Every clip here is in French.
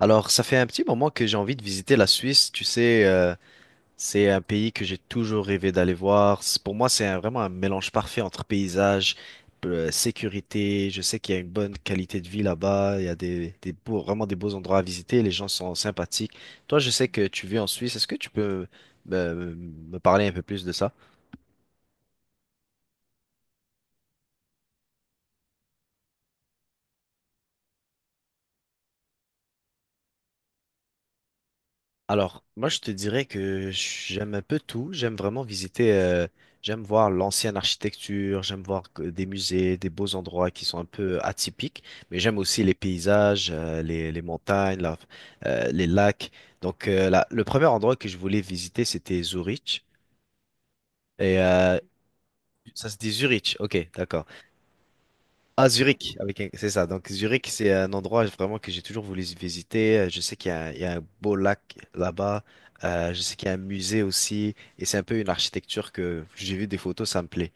Alors, ça fait un petit moment que j'ai envie de visiter la Suisse. Tu sais, c'est un pays que j'ai toujours rêvé d'aller voir. Pour moi, vraiment un mélange parfait entre paysage, sécurité. Je sais qu'il y a une bonne qualité de vie là-bas. Il y a des beaux, vraiment des beaux endroits à visiter. Les gens sont sympathiques. Toi, je sais que tu vis en Suisse. Est-ce que tu peux me parler un peu plus de ça? Alors, moi, je te dirais que j'aime un peu tout. J'aime vraiment visiter, j'aime voir l'ancienne architecture, j'aime voir des musées, des beaux endroits qui sont un peu atypiques, mais j'aime aussi les paysages, les montagnes, les lacs. Donc, le premier endroit que je voulais visiter, c'était Zurich. Et ça se dit Zurich, ok, d'accord. Ah, Zurich, c'est ça. Donc, Zurich, c'est un endroit vraiment que j'ai toujours voulu visiter. Je sais qu'il y a il y a un beau lac là-bas. Je sais qu'il y a un musée aussi. Et c'est un peu une architecture que j'ai vu des photos, ça me plaît.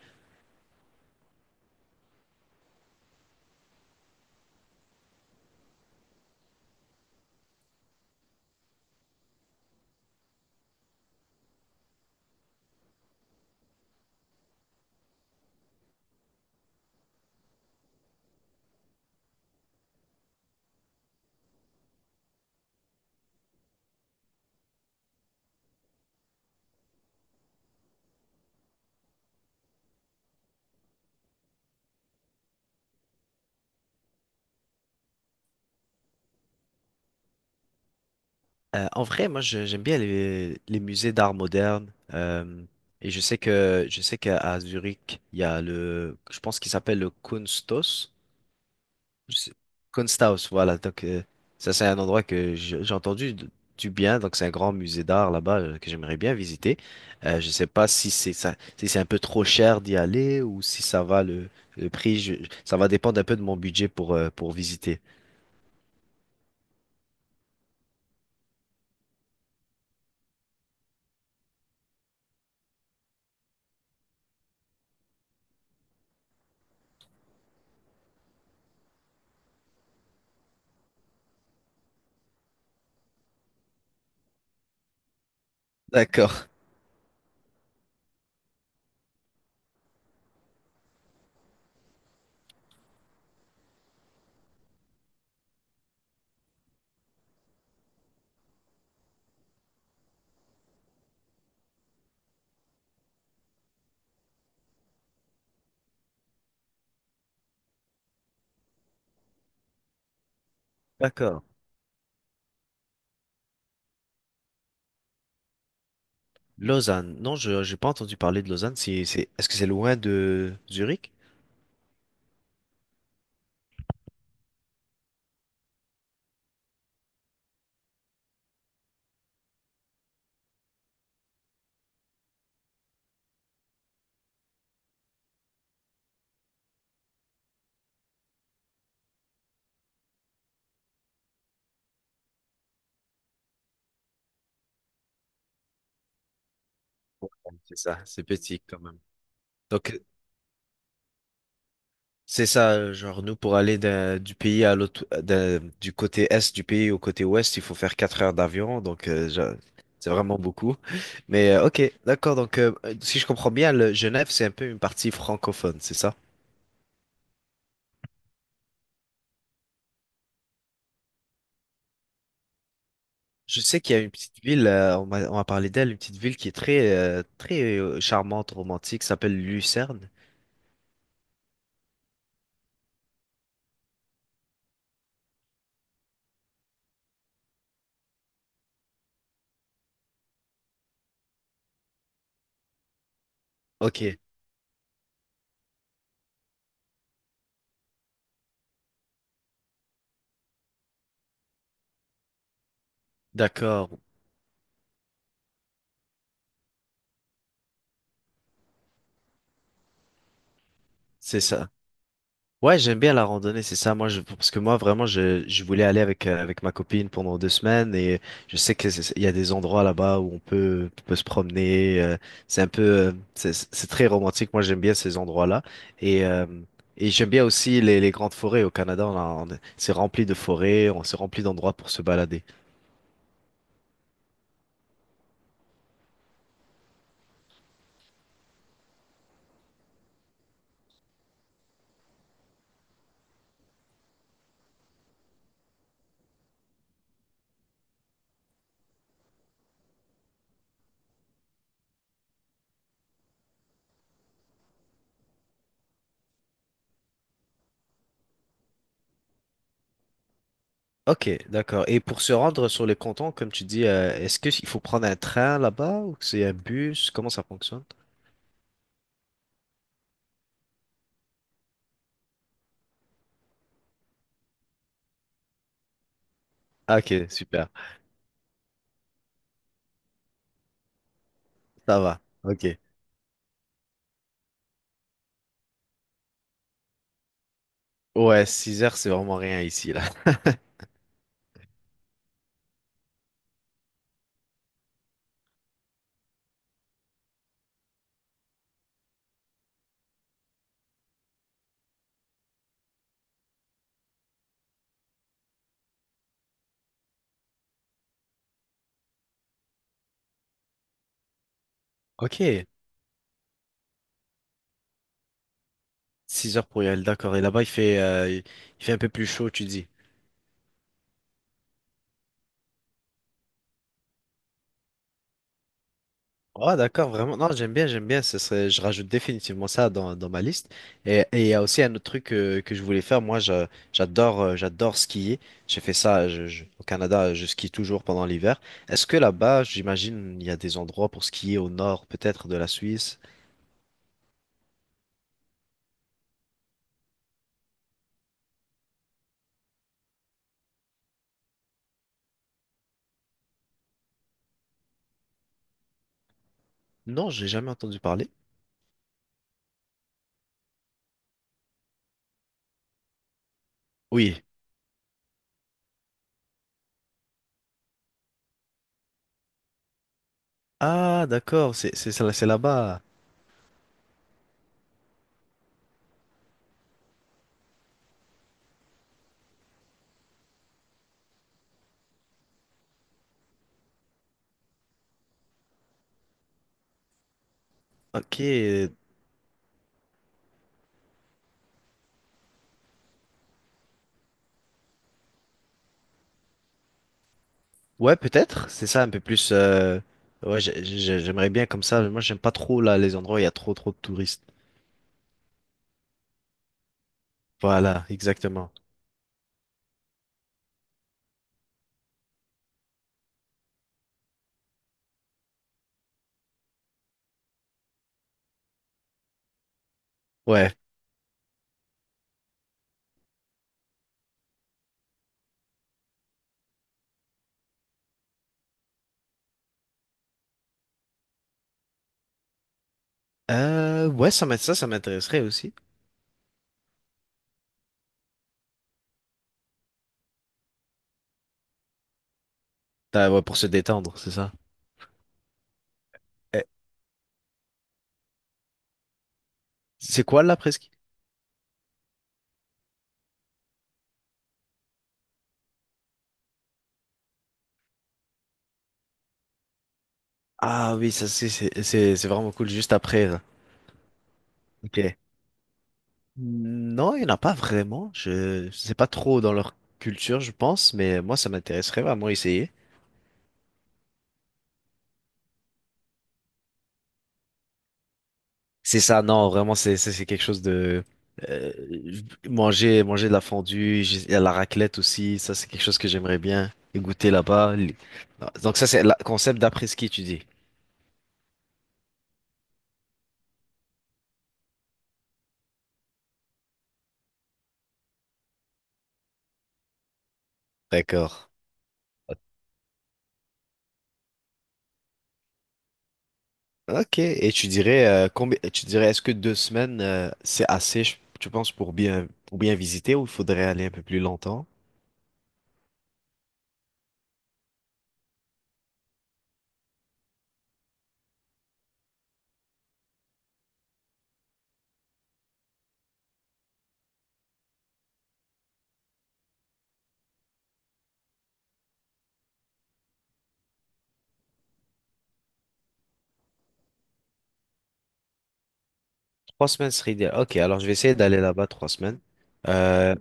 En vrai, moi, j'aime bien les musées d'art moderne. Et je sais qu'à à Zurich, il y a le, je pense qu'il s'appelle le Kunsthaus. Je Kunsthaus, voilà. Donc, ça, c'est un endroit que j'ai entendu du bien. Donc, c'est un grand musée d'art là-bas que j'aimerais bien visiter. Je sais pas si c'est ça, si c'est un peu trop cher d'y aller ou si ça va le prix. Ça va dépendre un peu de mon budget pour visiter. D'accord, d'accord. Lausanne. Non, je j'ai pas entendu parler de Lausanne. Est-ce que c'est loin de Zurich? C'est ça, c'est petit quand même. Donc, c'est ça, genre nous pour aller du pays à l'autre, du côté est du pays au côté ouest, il faut faire 4 heures d'avion, donc c'est vraiment beaucoup. Mais ok, d'accord, donc si je comprends bien, le Genève c'est un peu une partie francophone, c'est ça? Je sais qu'il y a une petite ville, on m'a parlé d'elle, une petite ville qui est très très charmante, romantique, s'appelle Lucerne. Ok, d'accord, c'est ça. Ouais, j'aime bien la randonnée, c'est ça. Moi, parce que moi, vraiment, je voulais aller avec, avec ma copine pendant 2 semaines et je sais que il y a des endroits là-bas où on on peut se promener. C'est un peu, c'est très romantique. Moi, j'aime bien ces endroits-là et, euh, et j'aime bien aussi les grandes forêts au Canada. On a- on C'est rempli de forêts, on s'est rempli d'endroits pour se balader. Ok, d'accord. Et pour se rendre sur les cantons, comme tu dis, est-ce que il faut prendre un train là-bas ou que c'est un bus? Comment ça fonctionne? Ah, ok, super. Ça va. Ok. Ouais, 6 heures, c'est vraiment rien ici, là. Ok, 6 heures pour y aller, d'accord. Et là-bas, il fait un peu plus chaud, tu dis. Ouais, d'accord, vraiment. Non, j'aime bien, j'aime bien. Ce serait, je rajoute définitivement ça dans ma liste. Et il y a aussi un autre truc je voulais faire. Moi, j'adore, j'adore skier. J'ai fait ça au Canada. Je skie toujours pendant l'hiver. Est-ce que là-bas, j'imagine, il y a des endroits pour skier au nord, peut-être de la Suisse? Non, j'ai jamais entendu parler. Oui. Ah, d'accord. C'est là-bas. Ok. Ouais, peut-être. C'est ça, un peu plus. Ouais, j'aimerais bien comme ça. Moi, j'aime pas trop là les endroits où il y a trop, trop de touristes. Voilà, exactement. Ouais. Ouais, ça, ça m'intéresserait aussi. Ah, ouais, pour se détendre, c'est ça. Eh, c'est quoi la presqu'île? Ah oui, ça c'est vraiment cool juste après. Là. Ok. Non, il n'y en a pas vraiment. Je sais pas trop dans leur culture, je pense, mais moi ça m'intéresserait vraiment essayer. C'est ça, non, vraiment c'est quelque chose de euh, manger de la fondue, il y a la raclette aussi, ça c'est quelque chose que j'aimerais bien goûter là-bas. Les- Donc ça c'est le concept d'après-ski, tu dis. D'accord. Ok. Et tu dirais combien tu dirais est-ce que 2 semaines c'est assez, tu penses, pour bien visiter ou il faudrait aller un peu plus longtemps? Trois semaines serait idéal. Ok, alors je vais essayer d'aller là-bas 3 semaines. Euh,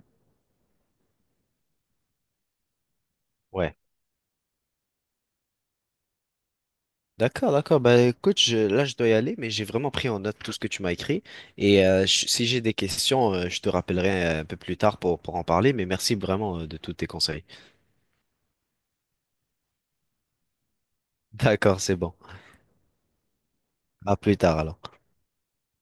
ouais. D'accord, d'accord. Bah écoute, là je dois y aller, mais j'ai vraiment pris en note tout ce que tu m'as écrit. Et si j'ai des questions, je te rappellerai un peu plus tard pour en parler, mais merci vraiment de tous tes conseils. D'accord, c'est bon. À plus tard alors.